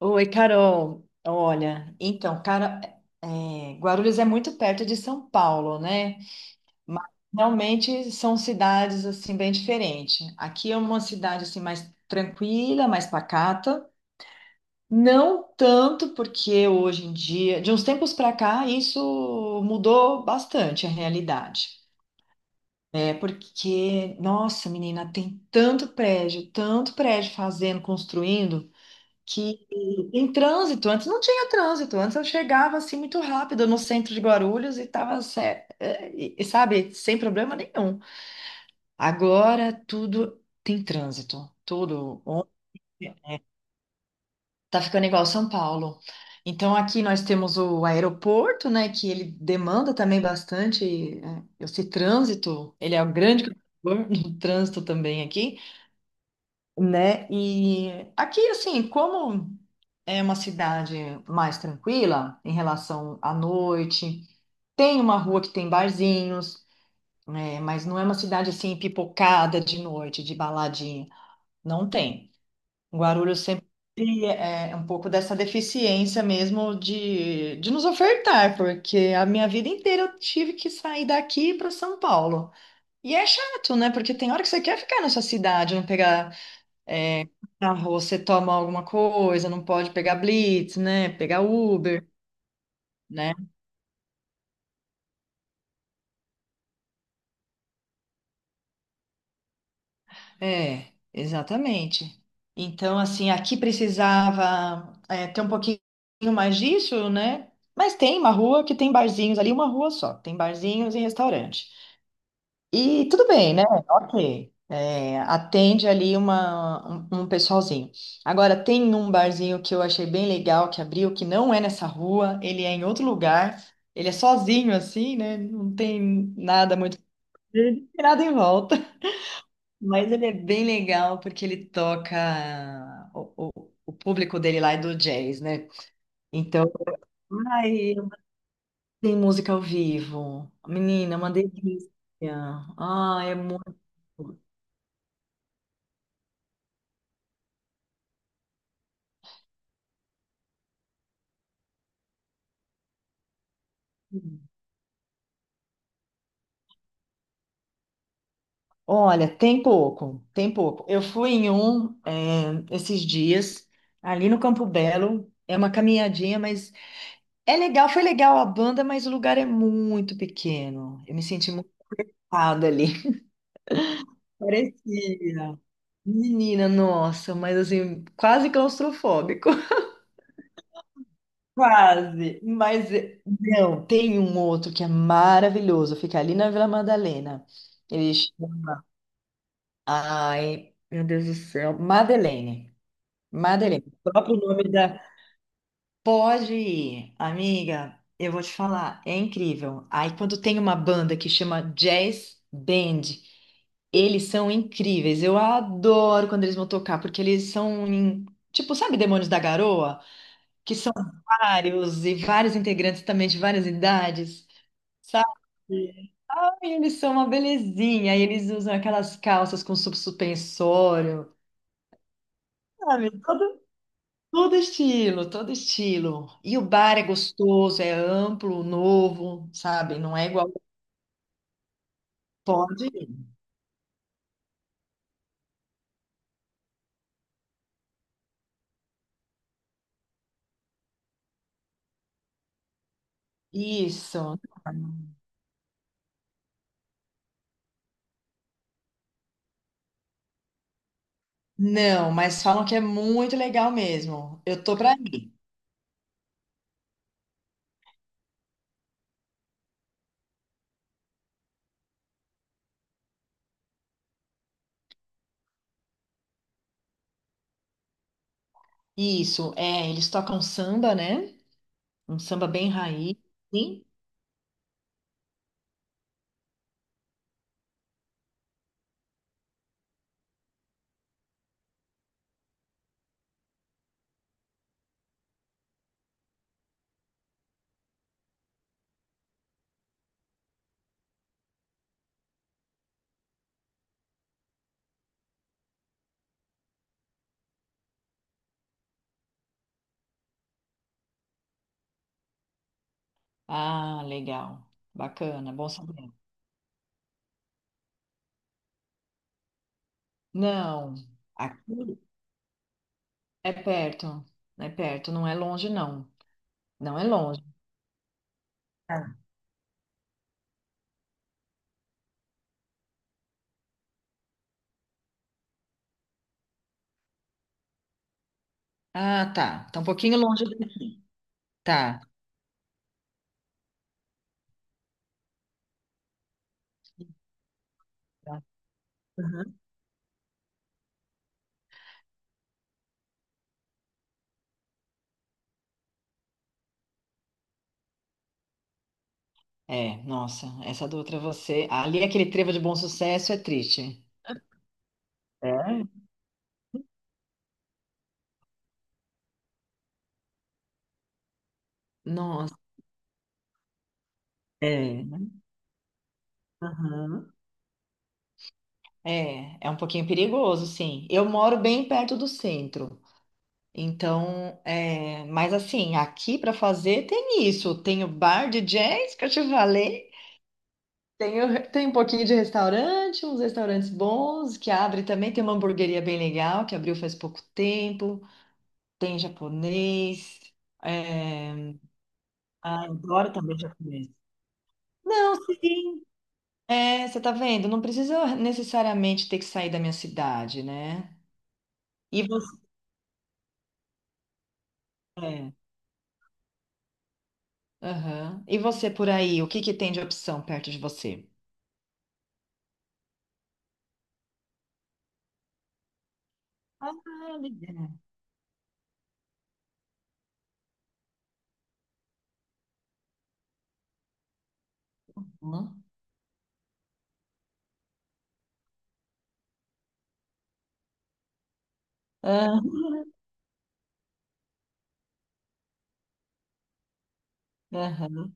Oi, Carol. Olha, então, cara, Guarulhos é muito perto de São Paulo, né? Mas realmente são cidades assim bem diferentes. Aqui é uma cidade assim mais tranquila, mais pacata. Não tanto porque hoje em dia, de uns tempos para cá, isso mudou bastante a realidade. É porque, nossa, menina, tem tanto prédio fazendo, construindo. Em trânsito, antes não tinha trânsito, antes eu chegava assim muito rápido no centro de Guarulhos e estava, sabe, sem problema nenhum. Agora tudo tem trânsito, tudo. Ontem. Tá ficando igual São Paulo. Então aqui nós temos o aeroporto, né, que ele demanda também bastante esse trânsito, ele é o grande contribuidor do trânsito também aqui, né? E aqui, assim, como é uma cidade mais tranquila em relação à noite, tem uma rua que tem barzinhos, né? Mas não é uma cidade assim pipocada de noite, de baladinha. Não tem. Guarulhos sempre é um pouco dessa deficiência mesmo de nos ofertar, porque a minha vida inteira eu tive que sair daqui para São Paulo. E é chato, né? Porque tem hora que você quer ficar nessa cidade, não pegar. Ah, você toma alguma coisa, não pode pegar Blitz, né? Pegar Uber, né? É, exatamente. Então, assim, aqui precisava ter um pouquinho mais disso, né? Mas tem uma rua que tem barzinhos ali, uma rua só, tem barzinhos e restaurante. E tudo bem, né? Ok. É, atende ali um pessoalzinho. Agora, tem um barzinho que eu achei bem legal que abriu, que não é nessa rua, ele é em outro lugar, ele é sozinho assim, né? Não tem nada muito. Não tem nada em volta. Mas ele é bem legal porque ele toca. O público dele lá é do jazz, né? Então, ai, tem música ao vivo. Menina, é uma delícia. Ah, é muito. Olha, tem pouco, tem pouco. Eu fui em um, esses dias, ali no Campo Belo. É uma caminhadinha, mas é legal, foi legal a banda, mas o lugar é muito pequeno. Eu me senti muito errada ali. Parecia. Menina, nossa, mas assim, quase claustrofóbico. Quase. Mas não, tem um outro que é maravilhoso, fica ali na Vila Madalena. Ele. Ai, meu Deus do céu, Madeleine. Madeleine, o próprio nome da. Pode ir, amiga, eu vou te falar, é incrível. Aí quando tem uma banda que chama Jazz Band, eles são incríveis. Eu adoro quando eles vão tocar, porque tipo, sabe Demônios da Garoa? Que são vários e vários integrantes também de várias idades, sabe? Ai, eles são uma belezinha, e eles usam aquelas calças com suspensório. Sabe? Todo estilo, todo estilo. E o bar é gostoso, é amplo, novo, sabe? Não é igual. Pode ir. Isso. Não, mas falam que é muito legal mesmo. Eu tô pra ir. Isso, é. Eles tocam samba, né? Um samba bem raiz. Sim. Ah, legal. Bacana, bom saber. Não, aqui é perto. É perto, não é longe, não. Não é longe. Ah, tá. Tá um pouquinho longe daqui. Tá. Uhum. É, nossa, essa do Outra é você ali, aquele trevo de bom sucesso é triste. É? Nossa, é. Uhum. É, é um pouquinho perigoso, sim. Eu moro bem perto do centro. Então, é, mas assim, aqui para fazer tem isso. Tem o bar de jazz que eu te falei. Tem, tem um pouquinho de restaurante, uns restaurantes bons que abre também. Tem uma hamburgueria bem legal que abriu faz pouco tempo. Tem japonês, é. Ah, adoro também japonês. Não, sim. É, você tá vendo? Não preciso necessariamente ter que sair da minha cidade, né? E você, é, aham. E você por aí, o que que tem de opção perto de você? Ah, legal. Hum? Ah, aham,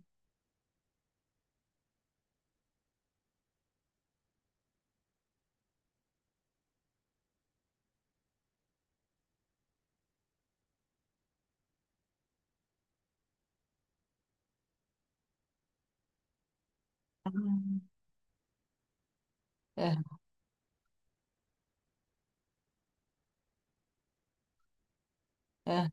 ah. Ah.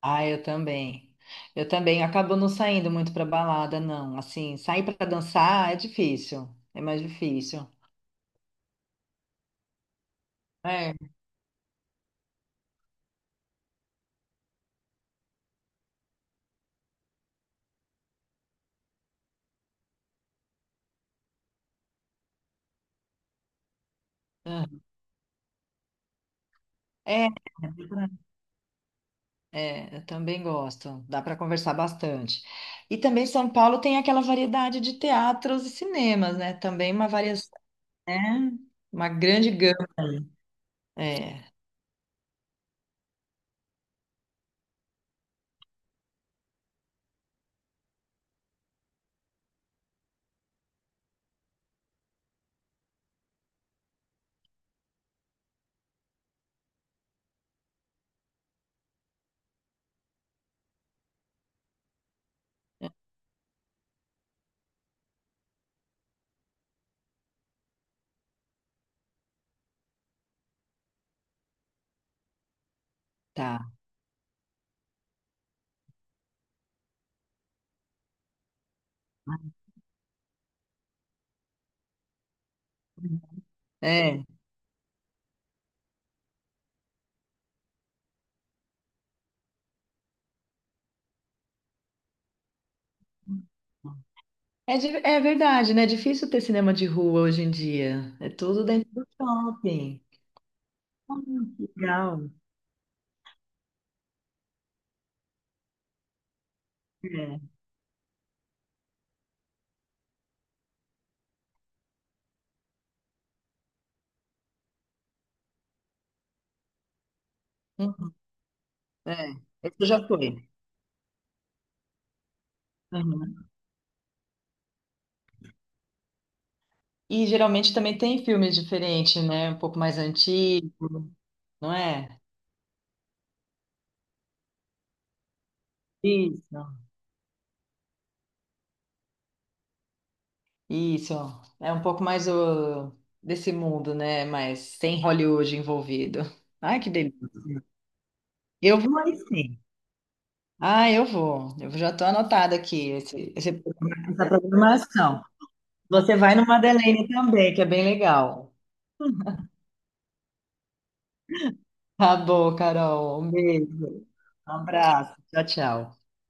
Ah, eu também. Eu também acabo não saindo muito pra balada, não. Assim, sair pra dançar é difícil. É mais difícil. É. Ah. É, é, é, é, eu também gosto. Dá para conversar bastante. E também São Paulo tem aquela variedade de teatros e cinemas, né? Também uma variação, né? Uma grande gama. É, tá. É. É, é verdade, né? É difícil ter cinema de rua hoje em dia. É tudo dentro do shopping. Que legal. É. Uhum, é. Isso já foi. Uhum. E geralmente também tem filmes diferentes, né? Um pouco mais antigos, não é? Isso. Isso, é um pouco mais o, desse mundo, né? Mas sem Hollywood envolvido. Ai, que delícia. Eu vou aí sim. Ah, eu vou. Eu já estou anotada aqui esse essa programação. Você vai no Madeleine também, que é bem legal. Tá bom, Carol. Um beijo. Um abraço. Tchau, tchau.